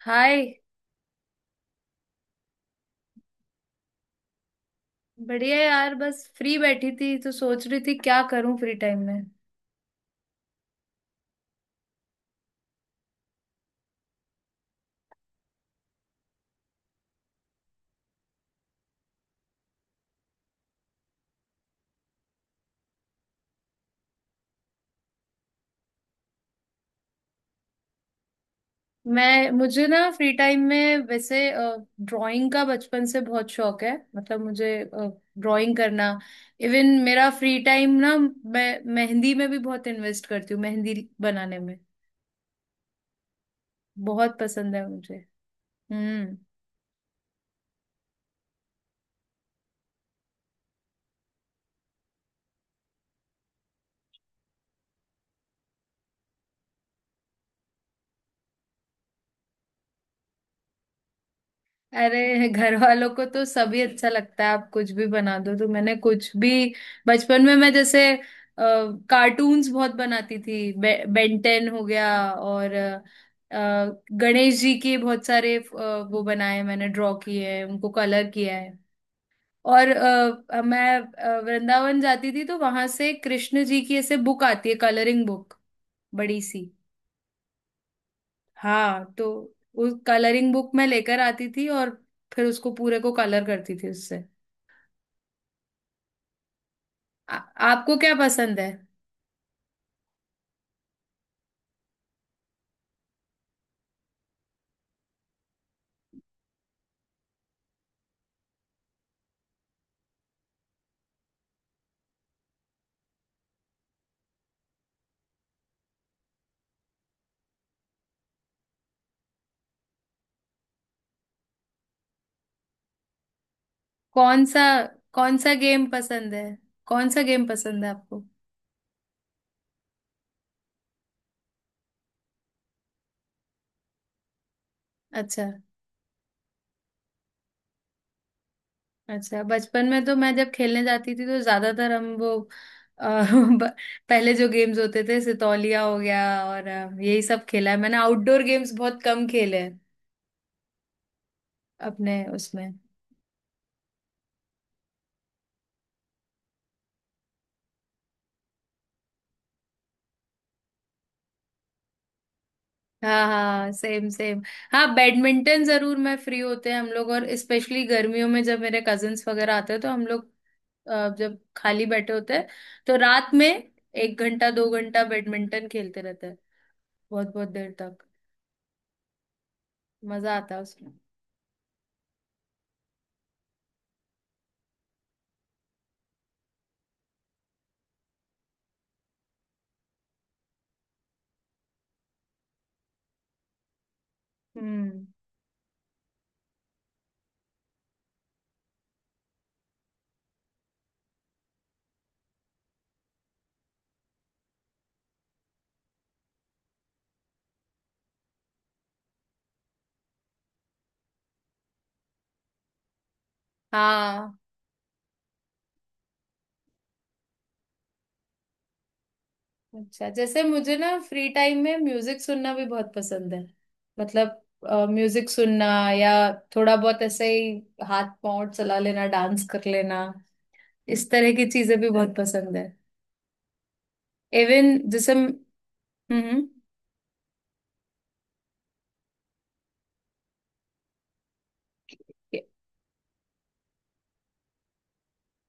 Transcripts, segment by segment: हाय। बढ़िया यार, बस फ्री बैठी थी तो सोच रही थी क्या करूं फ्री टाइम में। मैं मुझे ना फ्री टाइम में वैसे ड्राइंग का बचपन से बहुत शौक है, मतलब मुझे ड्राइंग करना। इवन मेरा फ्री टाइम ना, मैं मेहंदी में भी बहुत इन्वेस्ट करती हूँ, मेहंदी बनाने में बहुत पसंद है मुझे। हम्म। अरे घर वालों को तो सभी अच्छा लगता है, आप कुछ भी बना दो। तो मैंने कुछ भी, बचपन में मैं जैसे कार्टून्स बहुत बनाती थी। बेंटेन हो गया, और गणेश जी के बहुत सारे वो बनाए हैं मैंने, ड्रॉ किए हैं उनको, कलर किया है। और मैं वृंदावन जाती थी, तो वहां से कृष्ण जी की ऐसे बुक आती है, कलरिंग बुक, बड़ी सी। हाँ, तो उस कलरिंग बुक मैं लेकर आती थी और फिर उसको पूरे को कलर करती थी उससे। आपको क्या पसंद है? कौन सा, कौन सा गेम पसंद है? कौन सा गेम पसंद है आपको? अच्छा, अच्छा। बचपन में तो मैं जब खेलने जाती थी तो ज्यादातर हम वो, अ, ब- पहले जो गेम्स होते थे, सितौलिया हो गया और यही सब खेला है मैंने। आउटडोर गेम्स बहुत कम खेले हैं अपने उसमें। हाँ हाँ, सेम सेम। हाँ, बैडमिंटन जरूर, मैं फ्री होते हैं हम लोग, और स्पेशली गर्मियों में जब मेरे कजिन्स वगैरह आते हैं तो हम लोग, जब खाली बैठे होते हैं, तो रात में एक घंटा दो घंटा बैडमिंटन खेलते रहते हैं बहुत बहुत देर तक। मजा आता है उसमें। हम्म, हाँ। अच्छा, जैसे मुझे ना फ्री टाइम में म्यूजिक सुनना भी बहुत पसंद है, मतलब म्यूजिक सुनना या थोड़ा बहुत ऐसे ही हाथ पांव चला लेना, डांस कर लेना, इस तरह की चीजें भी बहुत पसंद है। इवन जैसे हम्म। हम्म।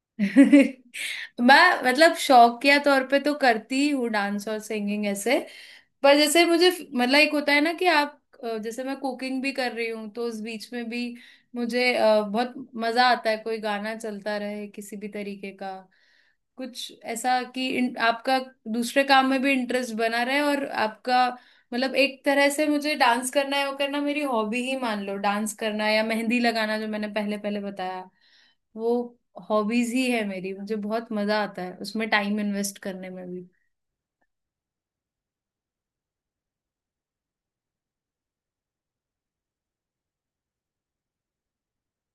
मैं मतलब शौकिया तौर पे तो करती ही हूँ डांस और सिंगिंग ऐसे, पर जैसे मुझे, मतलब एक होता है ना कि आप, जैसे मैं कुकिंग भी कर रही हूँ तो उस बीच में भी मुझे बहुत मजा आता है कोई गाना चलता रहे किसी भी तरीके का, कुछ ऐसा कि आपका दूसरे काम में भी इंटरेस्ट बना रहे और आपका, मतलब एक तरह से मुझे डांस करना है, वो करना मेरी हॉबी ही मान लो। डांस करना या मेहंदी लगाना जो मैंने पहले पहले बताया, वो हॉबीज ही है मेरी। मुझे बहुत मजा आता है उसमें टाइम इन्वेस्ट करने में भी।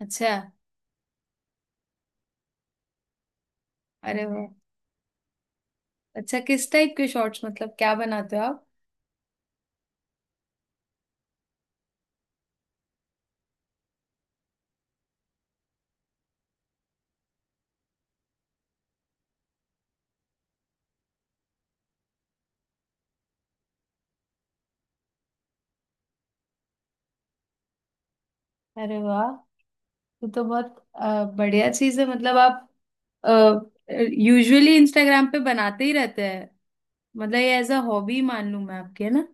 अच्छा। अरे वाह। अच्छा, किस टाइप के शॉर्ट्स, मतलब क्या बनाते हो आप? अरे वाह, ये तो बहुत बढ़िया चीज है। मतलब आप यूजुअली इंस्टाग्राम पे बनाते ही रहते हैं? मतलब ये एज अ हॉबी मान लूं मैं आपके, है ना?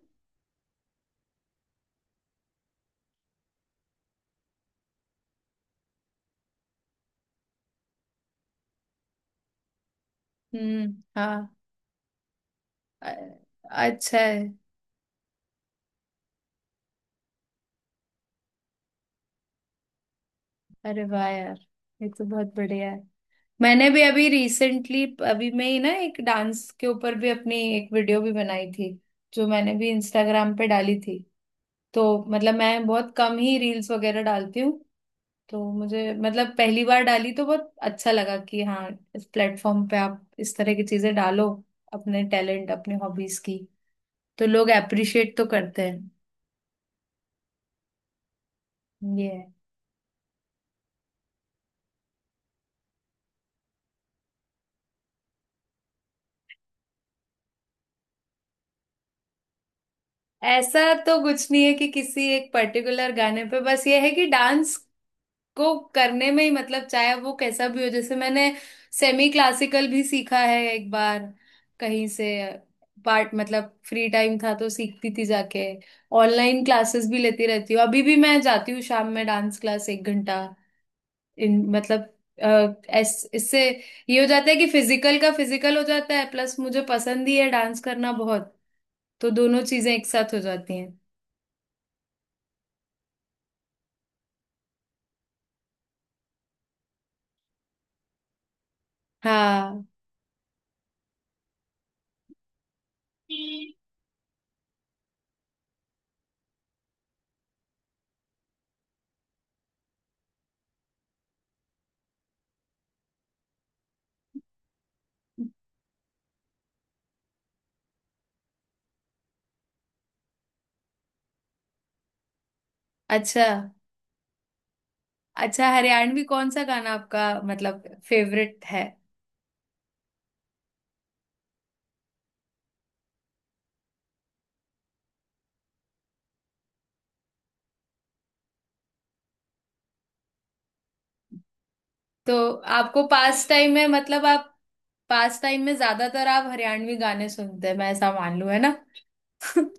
हम्म, हाँ। अ- अच्छा है। अरे वाह यार, ये तो बहुत बढ़िया है। मैंने भी अभी रिसेंटली, अभी मैं ही ना एक डांस के ऊपर भी अपनी एक वीडियो भी बनाई थी, जो मैंने भी इंस्टाग्राम पे डाली थी। तो मतलब मैं बहुत कम ही रील्स वगैरह डालती हूँ, तो मुझे मतलब पहली बार डाली तो बहुत अच्छा लगा कि हाँ, इस प्लेटफॉर्म पे आप इस तरह की चीजें डालो अपने टैलेंट अपने हॉबीज की, तो लोग अप्रिशिएट तो करते हैं। ये है। ऐसा तो कुछ नहीं है कि किसी एक पर्टिकुलर गाने पे, बस ये है कि डांस को करने में ही, मतलब चाहे वो कैसा भी हो। जैसे मैंने सेमी क्लासिकल भी सीखा है एक बार कहीं से, पार्ट मतलब फ्री टाइम था तो सीखती थी जाके। ऑनलाइन क्लासेस भी लेती रहती हूँ, अभी भी मैं जाती हूँ शाम में डांस क्लास एक घंटा। इन मतलब, अ, इससे ये हो जाता है कि फिजिकल का फिजिकल हो जाता है, प्लस मुझे पसंद ही है डांस करना बहुत, तो दोनों चीजें एक साथ हो जाती हैं। हाँ। अच्छा, अच्छा हरियाणवी कौन सा गाना आपका मतलब फेवरेट है? तो आपको पास टाइम में, मतलब आप पास टाइम में ज्यादातर आप हरियाणवी गाने सुनते हैं, मैं ऐसा मान लूं, है ना?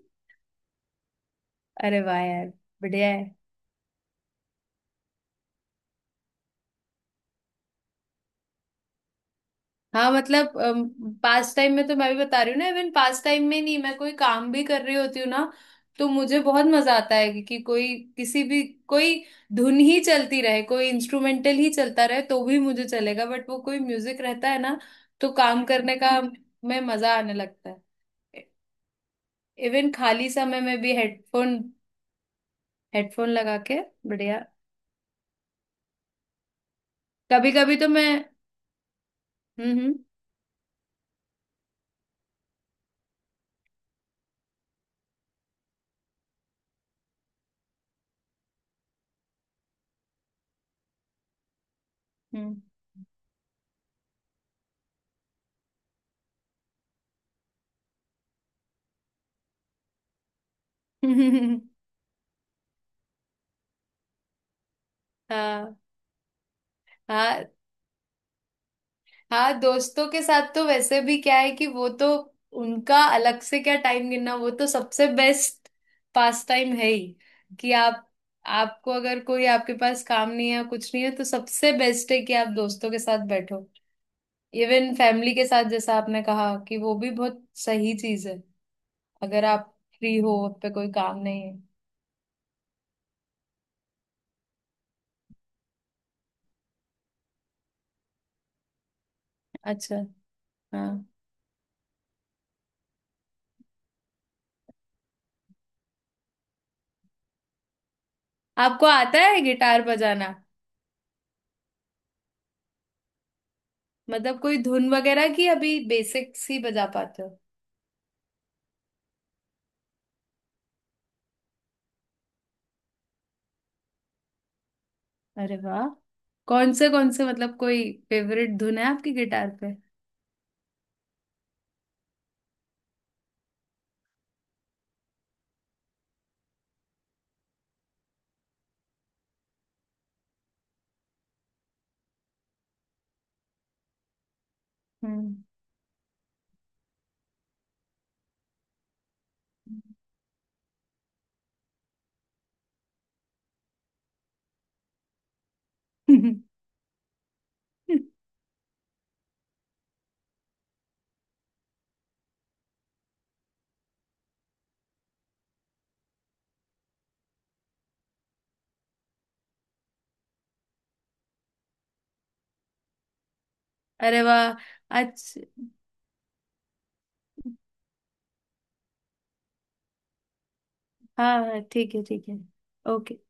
अरे वाह यार, बढ़िया है। हाँ मतलब पास टाइम में तो, मैं भी बता रही हूँ ना, इवन पास टाइम में नहीं, मैं कोई काम भी कर रही होती हूँ ना, तो मुझे बहुत मजा आता है कि, कोई किसी भी, कोई धुन ही चलती रहे, कोई इंस्ट्रूमेंटल ही चलता रहे तो भी मुझे चलेगा, बट वो कोई म्यूजिक रहता है ना, तो काम करने का में मजा आने लगता है। इवन खाली समय में भी हेडफोन, हेडफोन लगा के। बढ़िया। कभी कभी तो मैं, हम्म। हम्म। हम्म। हाँ। हाँ, हाँ दोस्तों के साथ तो वैसे भी क्या है कि वो तो, उनका अलग से क्या टाइम गिनना, वो तो सबसे बेस्ट पास टाइम है ही, कि आप, आपको अगर कोई आपके पास काम नहीं है, कुछ नहीं है, तो सबसे बेस्ट है कि आप दोस्तों के साथ बैठो। इवन फैमिली के साथ जैसा आपने कहा, कि वो भी बहुत सही चीज है अगर आप फ्री हो, आप पे कोई काम नहीं है। अच्छा। हाँ, आपको आता है गिटार बजाना? मतलब कोई धुन वगैरह की, अभी बेसिक्स ही बजा पाते हो? अरे वाह, कौन से कौन से, मतलब कोई फेवरेट धुन है आपकी गिटार पे? हम्म। अरे वाह। अच्छा। हाँ हाँ, ठीक है, ठीक है। ओके।